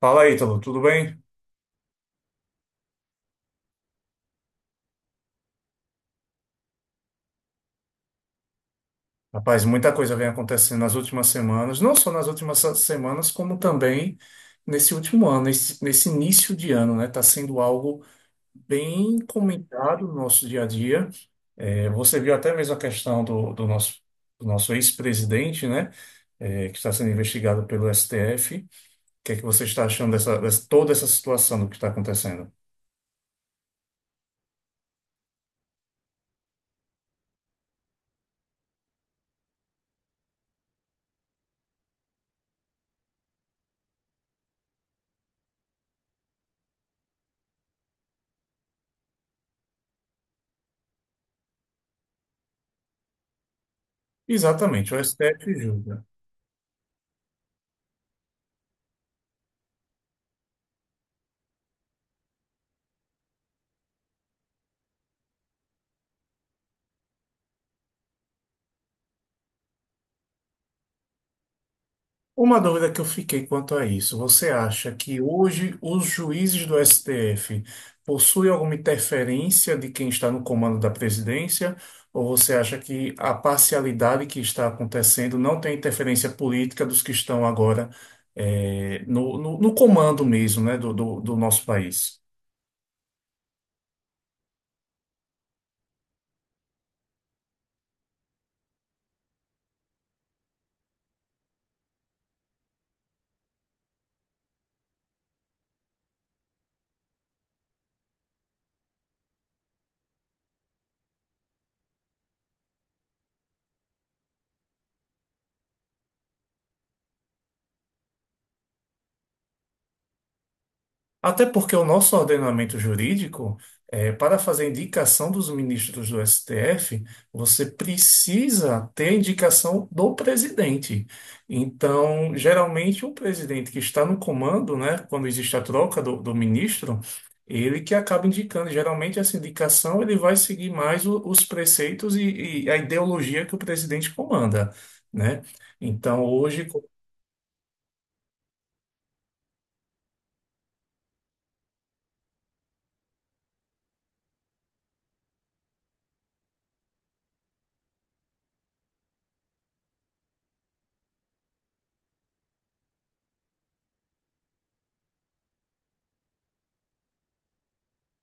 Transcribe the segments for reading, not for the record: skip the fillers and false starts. Fala, Ítalo, tudo bem? Rapaz, muita coisa vem acontecendo nas últimas semanas, não só nas últimas se- semanas, como também nesse último ano, nesse início de ano, né? Está sendo algo bem comentado no nosso dia a dia. É, você viu até mesmo a questão do nosso ex-presidente, né? É, que está sendo investigado pelo STF. O que é que você está achando toda essa situação do que está acontecendo? Exatamente, o STF julga. Uma dúvida que eu fiquei quanto a isso, você acha que hoje os juízes do STF possuem alguma interferência de quem está no comando da presidência? Ou você acha que a parcialidade que está acontecendo não tem interferência política dos que estão agora no comando mesmo, né, do nosso país? Até porque o nosso ordenamento jurídico, para fazer indicação dos ministros do STF, você precisa ter a indicação do presidente. Então, geralmente, o presidente que está no comando, né, quando existe a troca do ministro, ele que acaba indicando. Geralmente, essa indicação ele vai seguir mais os preceitos e a ideologia que o presidente comanda, né? Então, hoje.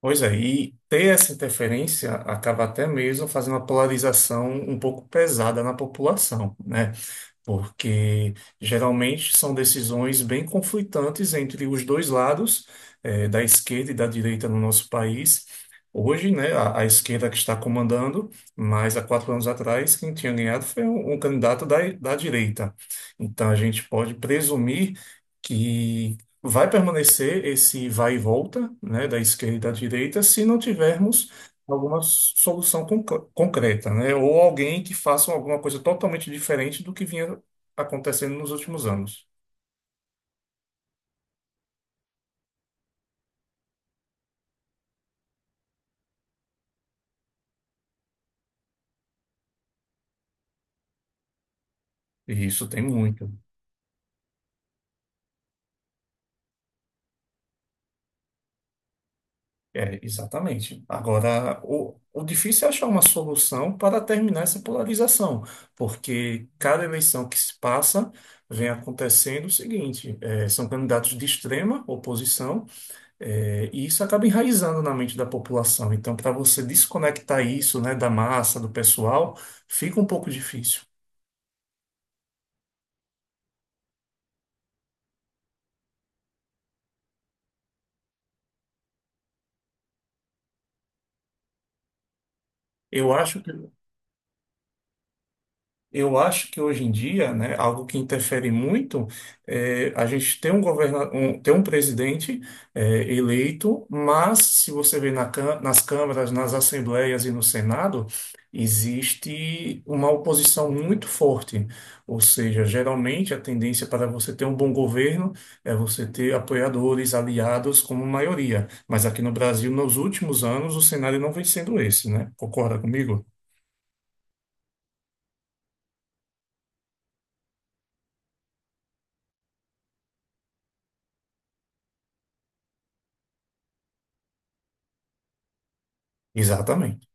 Pois é, e ter essa interferência acaba até mesmo fazendo uma polarização um pouco pesada na população, né? Porque geralmente são decisões bem conflitantes entre os dois lados, da esquerda e da direita no nosso país. Hoje, né, a esquerda que está comandando, mas há quatro anos atrás, quem tinha ganhado foi um candidato da direita. Então, a gente pode presumir que vai permanecer esse vai e volta, né, da esquerda e da direita, se não tivermos alguma concreta, né? Ou alguém que faça alguma coisa totalmente diferente do que vinha acontecendo nos últimos anos. E isso tem muito. É, exatamente. Agora, o difícil é achar uma solução para terminar essa polarização, porque cada eleição que se passa vem acontecendo o seguinte: é, são candidatos de extrema oposição, é, e isso acaba enraizando na mente da população. Então, para você desconectar isso, né, da massa, do pessoal, fica um pouco difícil. Eu acho que Eu acho que hoje em dia, né, algo que interfere muito é a gente tem um presidente é, eleito, mas se você vê nas câmaras, nas assembleias e no Senado, existe uma oposição muito forte. Ou seja, geralmente a tendência para você ter um bom governo é você ter apoiadores, aliados como maioria. Mas aqui no Brasil, nos últimos anos, o cenário não vem sendo esse, né? Concorda comigo? Exatamente.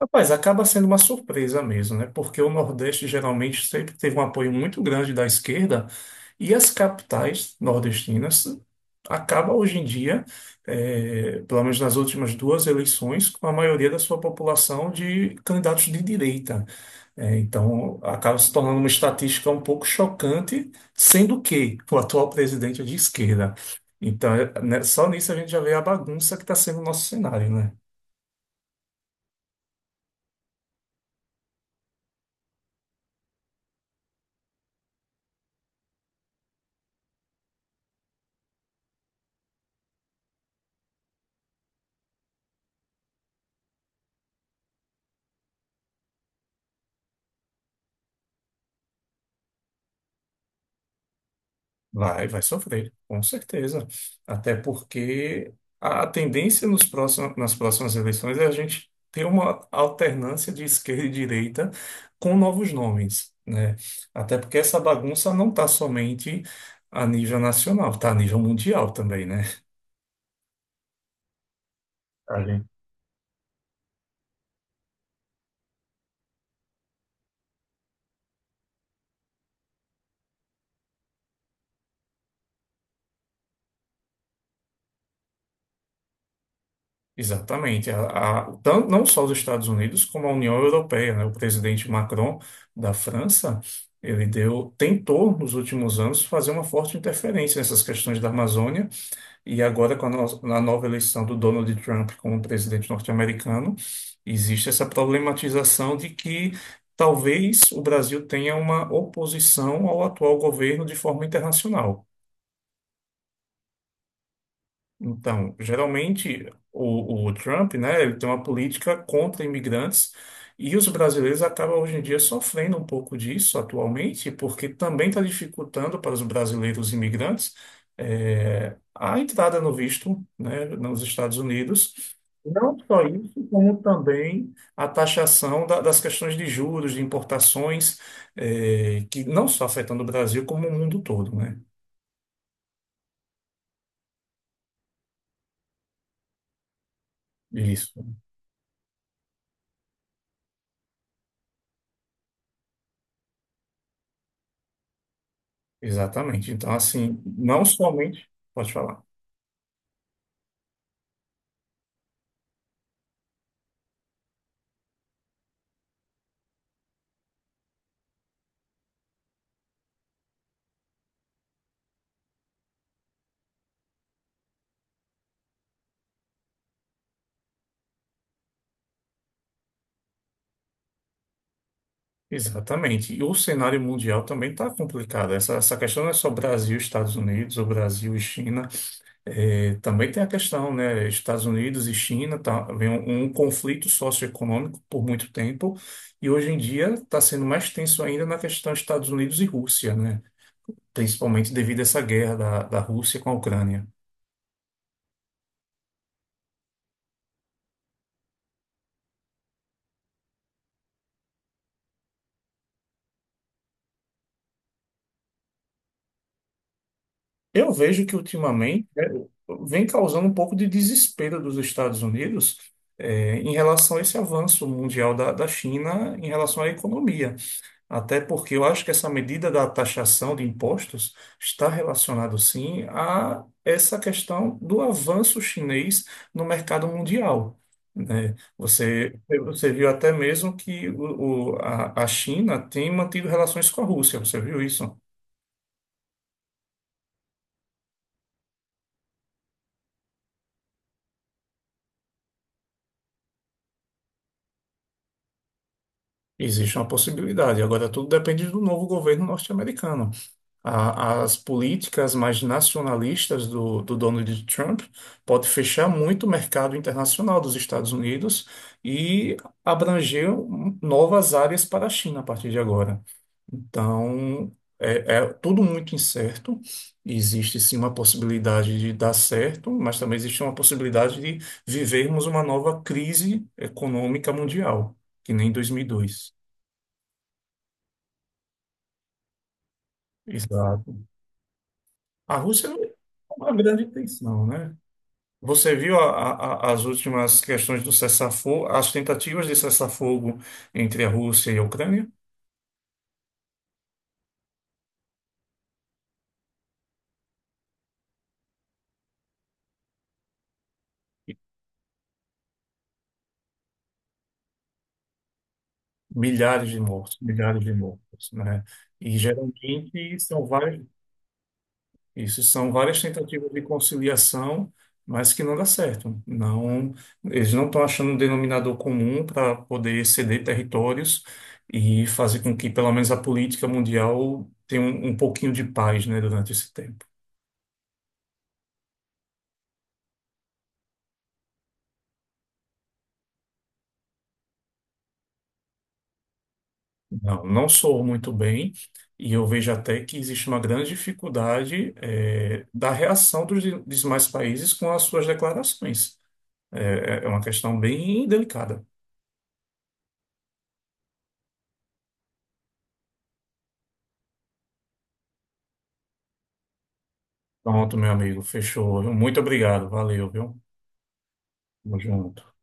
Rapaz, acaba sendo uma surpresa mesmo, né? Porque o Nordeste geralmente sempre teve um apoio muito grande da esquerda e as capitais nordestinas acabam hoje em dia, pelo menos nas últimas duas eleições, com a maioria da sua população de candidatos de direita. Eh, então, acaba se tornando uma estatística um pouco chocante, sendo que o atual presidente é de esquerda. Então, né, só nisso a gente já vê a bagunça que está sendo o nosso cenário, né? Vai sofrer, com certeza. Até porque a tendência nas próximas eleições é a gente ter uma alternância de esquerda e direita com novos nomes, né? Até porque essa bagunça não está somente a nível nacional, está a nível mundial também, né? Exatamente. Não só os Estados Unidos, como a União Europeia, né? O presidente Macron da França, ele deu, tentou nos últimos anos fazer uma forte interferência nessas questões da Amazônia, e agora com a, no- na nova eleição do Donald Trump como presidente norte-americano, existe essa problematização de que talvez o Brasil tenha uma oposição ao atual governo de forma internacional. Então, geralmente o Trump, né, ele tem uma política contra imigrantes e os brasileiros acabam hoje em dia sofrendo um pouco disso atualmente, porque também está dificultando para os brasileiros imigrantes a entrada no visto, né, nos Estados Unidos. Não só isso, como também a taxação das questões de juros, de importações, que não só afetando o Brasil, como o mundo todo, né? Isso. Exatamente. Então, assim, não somente. Pode falar. Exatamente. E o cenário mundial também está complicado. Essa questão não é só Brasil, Estados Unidos, ou Brasil e China. É, também tem a questão, né? Estados Unidos e China, tá, vem um conflito socioeconômico por muito tempo. E hoje em dia está sendo mais tenso ainda na questão Estados Unidos e Rússia, né? Principalmente devido a essa guerra da Rússia com a Ucrânia. Eu vejo que ultimamente né, vem causando um pouco de desespero dos Estados Unidos em relação a esse avanço mundial da China em relação à economia. Até porque eu acho que essa medida da taxação de impostos está relacionado sim a essa questão do avanço chinês no mercado mundial. Né? Você, você viu até mesmo que a China tem mantido relações com a Rússia, você viu isso? Existe uma possibilidade. Agora, tudo depende do novo governo norte-americano. As políticas mais nacionalistas do Donald Trump pode fechar muito o mercado internacional dos Estados Unidos e abranger novas áreas para a China a partir de agora. Então, é, é tudo muito incerto. Existe sim uma possibilidade de dar certo, mas também existe uma possibilidade de vivermos uma nova crise econômica mundial, que nem 2002. Exato. A Rússia não é uma grande tensão, né? Você viu as últimas questões do cessar-fogo, as tentativas de cessar-fogo entre a Rússia e a Ucrânia? Milhares de mortos, né? E geralmente são vários. Isso são várias tentativas de conciliação, mas que não dá certo. Não, eles não estão achando um denominador comum para poder ceder territórios e fazer com que, pelo menos, a política mundial tenha um pouquinho de paz, né, durante esse tempo. Não, não soou muito bem, e eu vejo até que existe uma grande dificuldade, da reação dos demais países com as suas declarações. É, é uma questão bem delicada. Pronto, meu amigo, fechou. Muito obrigado, valeu, viu? Tamo junto.